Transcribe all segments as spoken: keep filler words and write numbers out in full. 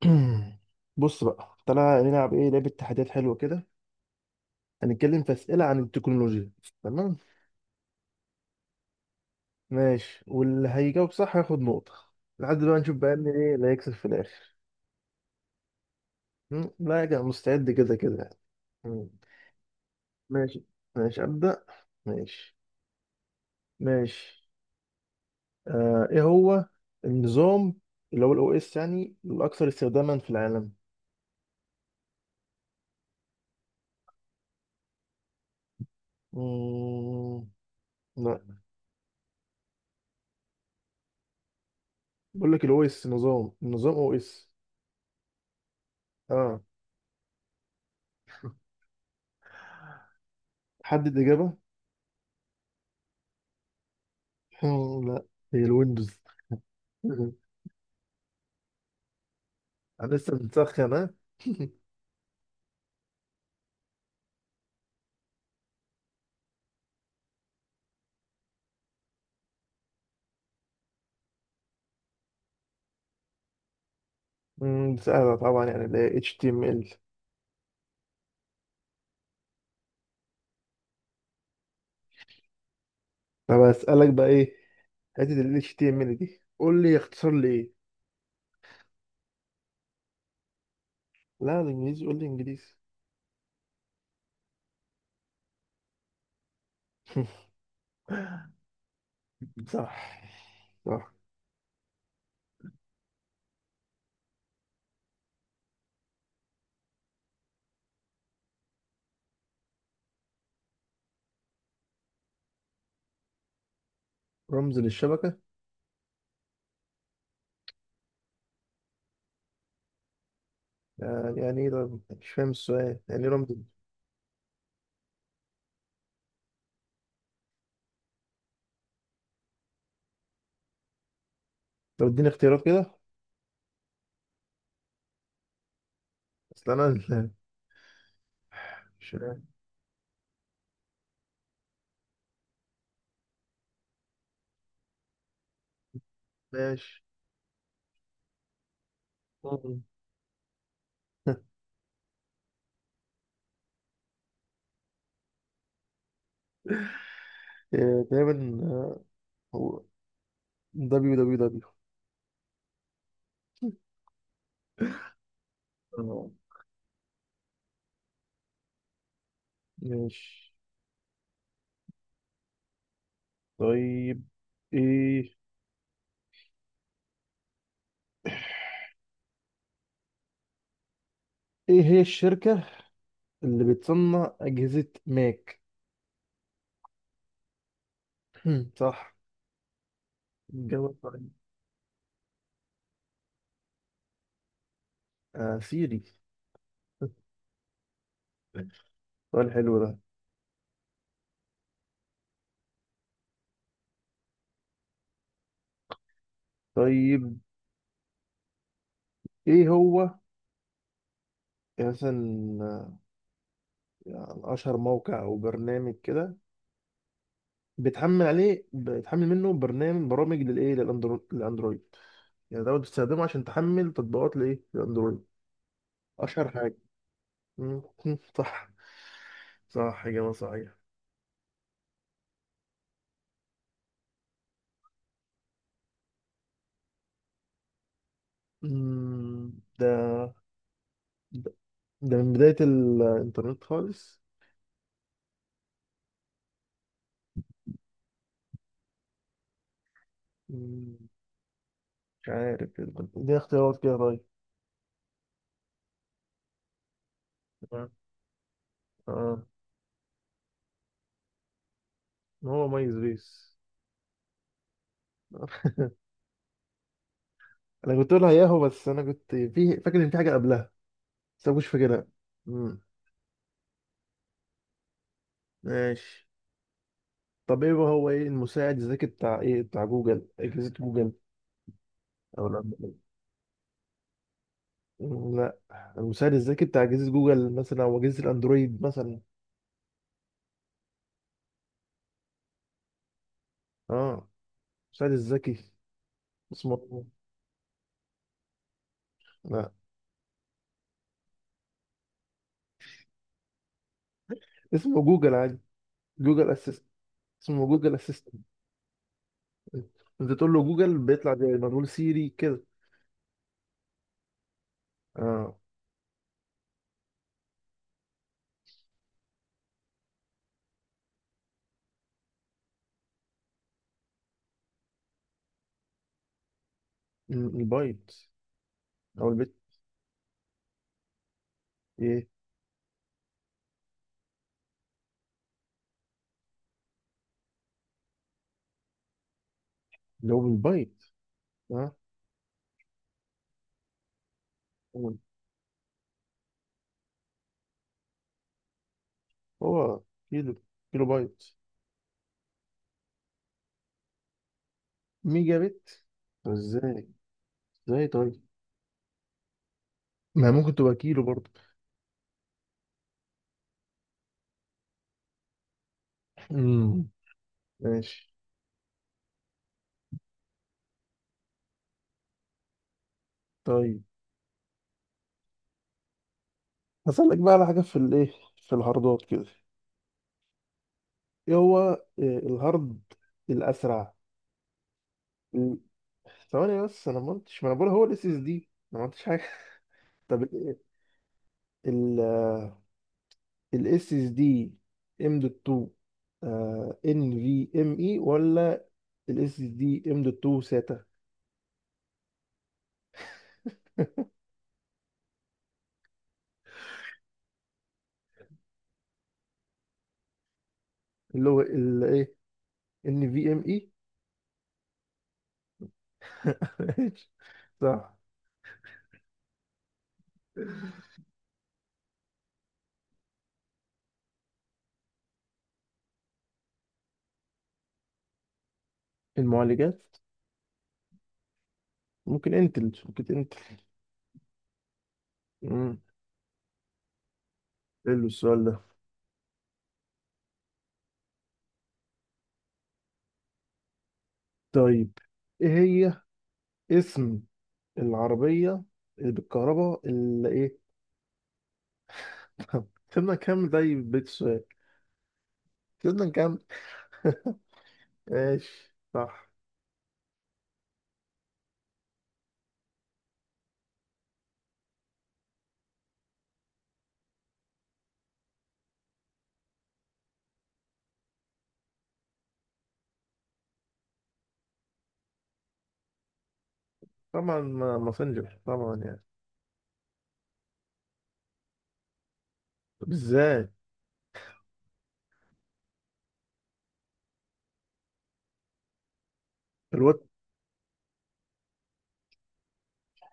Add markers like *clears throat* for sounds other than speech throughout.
*clears throat* بص بقى تعالى نلعب ايه لعبة تحديات حلوة كده. هنتكلم في أسئلة عن التكنولوجيا. تمام. ماشي، واللي هيجاوب صح هياخد نقطة. لحد بقى نشوف بقى مين ايه اللي هيكسب في الآخر. مم، لا يا جماعة، مستعد كده كده يعني. مم، ماشي. ماشي أبدأ. ماشي. ماشي. آه ايه هو النظام اللي هو الاو اس، يعني الأكثر استخداما في العالم؟ مم، لا، بقول لك الاو اس، نظام، النظام او اس. اه حدد إجابة. *laughs* لا، هي الويندوز. *laughs* انا لسه بنسخن ها. أمم، سهله طبعا، يعني ال إتش تي إم إل. طب اسالك بقى ايه، حته ال إتش تي إم إل دي، قول لي يختصر لي ايه. لا الانجليزي، قول لي انجليزي. *laughs* صح. صح. رمز للشبكه، يعني يعني ايه ده؟ مش فاهم السؤال، يعني ايه رمز؟ طب اديني اختيارات كده. اصل انا *laughs* مش فاهم. ماشي. أمم. *laughs* إيه، تقريبا، آه، هو دبليو دبليو دبليو. آه، ماشي. طيب، ايه ايه هي الشركة اللي بتصنع أجهزة ماك؟ *clears throat* هم، صح الجواب. طيب. آه سيري. سؤال حلو ده. طيب، ايه هو، مثلا، يعني، اشهر موقع او برنامج كده بتحمل عليه، بتحمل منه برنامج، برامج للايه، للأندرو- للاندرويد، يعني دوت بتستخدمه عشان تحمل تطبيقات، لايه، للاندرويد. اشهر حاجة. مم، *laughs* صح. صح، إجابة صحيحة. مم، ده من بداية الإنترنت خالص. مم، مش عارف. دي اختيارات كده طيب. تمام. اه. إن هو مايز بيس. *laughs* أنا كنت أقولها ياهو، بس أنا كنت، في فاكر إن في حاجة قبلها، بس أنا مش فاكرها. مم، ماشي. طب إيه هو إيه المساعد الذكي بتاع، إيه بتاع جوجل، أجهزة جوجل؟ أو لا. مم، لا، المساعد الذكي بتاع أجهزة جوجل مثلا، أو أجهزة الأندرويد مثلا. اه المساعد الذكي اسمه. لا، اسمه جوجل عادي، جوجل أسيست. اسمه جوجل أسيست. انت تقول له جوجل بيطلع زي ما تقول سيري كده. اه. م- البايت، او البيت. ايه، اللي هو بالبايت. اه. هو هو كيلو كيلو بايت. ميجا بت. طب ازاي؟ ازاي طيب؟ ما ممكن تبقى كيلو برضه. امم ماشي. طيب، هسألك بقى على حاجة في، الايه، في الهاردات كده. ايه هو، آه، الهارد الأسرع؟ ال- ثواني بس، انا ما قلتش، ما انا بقول هو الاس اس دي، انا ما قلتش حاجة. *laughs* طب الاس اس دي ام دوت اتنين، ان في ام اي، ولا الاس اس دي ام دوت اتنين ساتا؟ اللي هو الايه، ان في ام اي. *laughs* ماشي، صح. المعالجات، ممكن انتل، ممكن انتل. امم حلو السؤال ده. طيب، ايه هي، اسم العربية اللي بالكهرباء اللي ايه؟ *laughs* سيبنا كام زي بيت السؤال. سيبنا كام. *laughs* ماشي صح. طبعا ما- ماسنجر طبعا يعني. طب ازاي؟ الواد،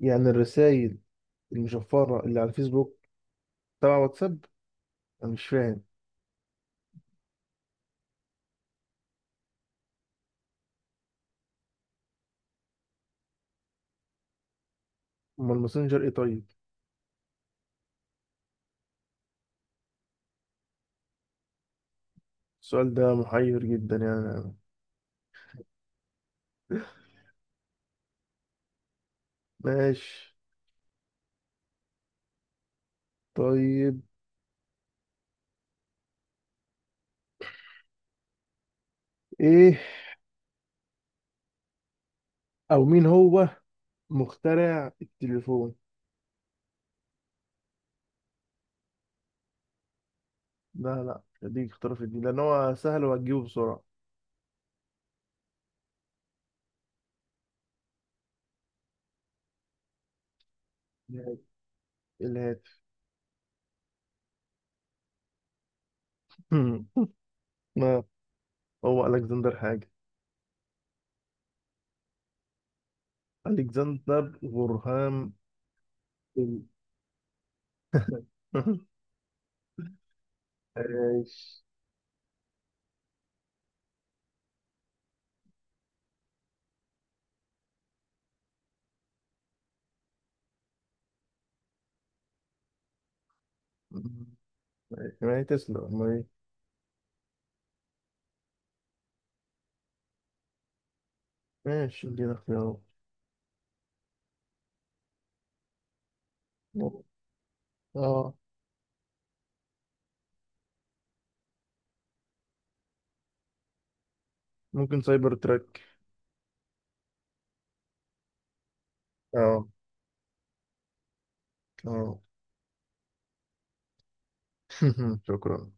يعني الرسائل المشفرة اللي على الفيسبوك تبع واتساب. أنا مش فاهم. أمال الماسنجر إيه طيب؟ السؤال ده محير جدا يعني. *laughs* ماشي. طيب، إيه، أو مين هو مخترع التليفون؟ لا لا، مش هديك اختيار في دي، لأن هو سهل وهتجيبه بسرعة. الهاتف. الهاتف. *laughs* ما هو ألكسندر حاجة. ألكسندر غرهام بيل. *laughs* ماشي. ماشي، ما هي تسلا، ما هي. ماشي ادينا اختيارات. اه ممكن سايبر تراك. اه اه *laughs* شكرا.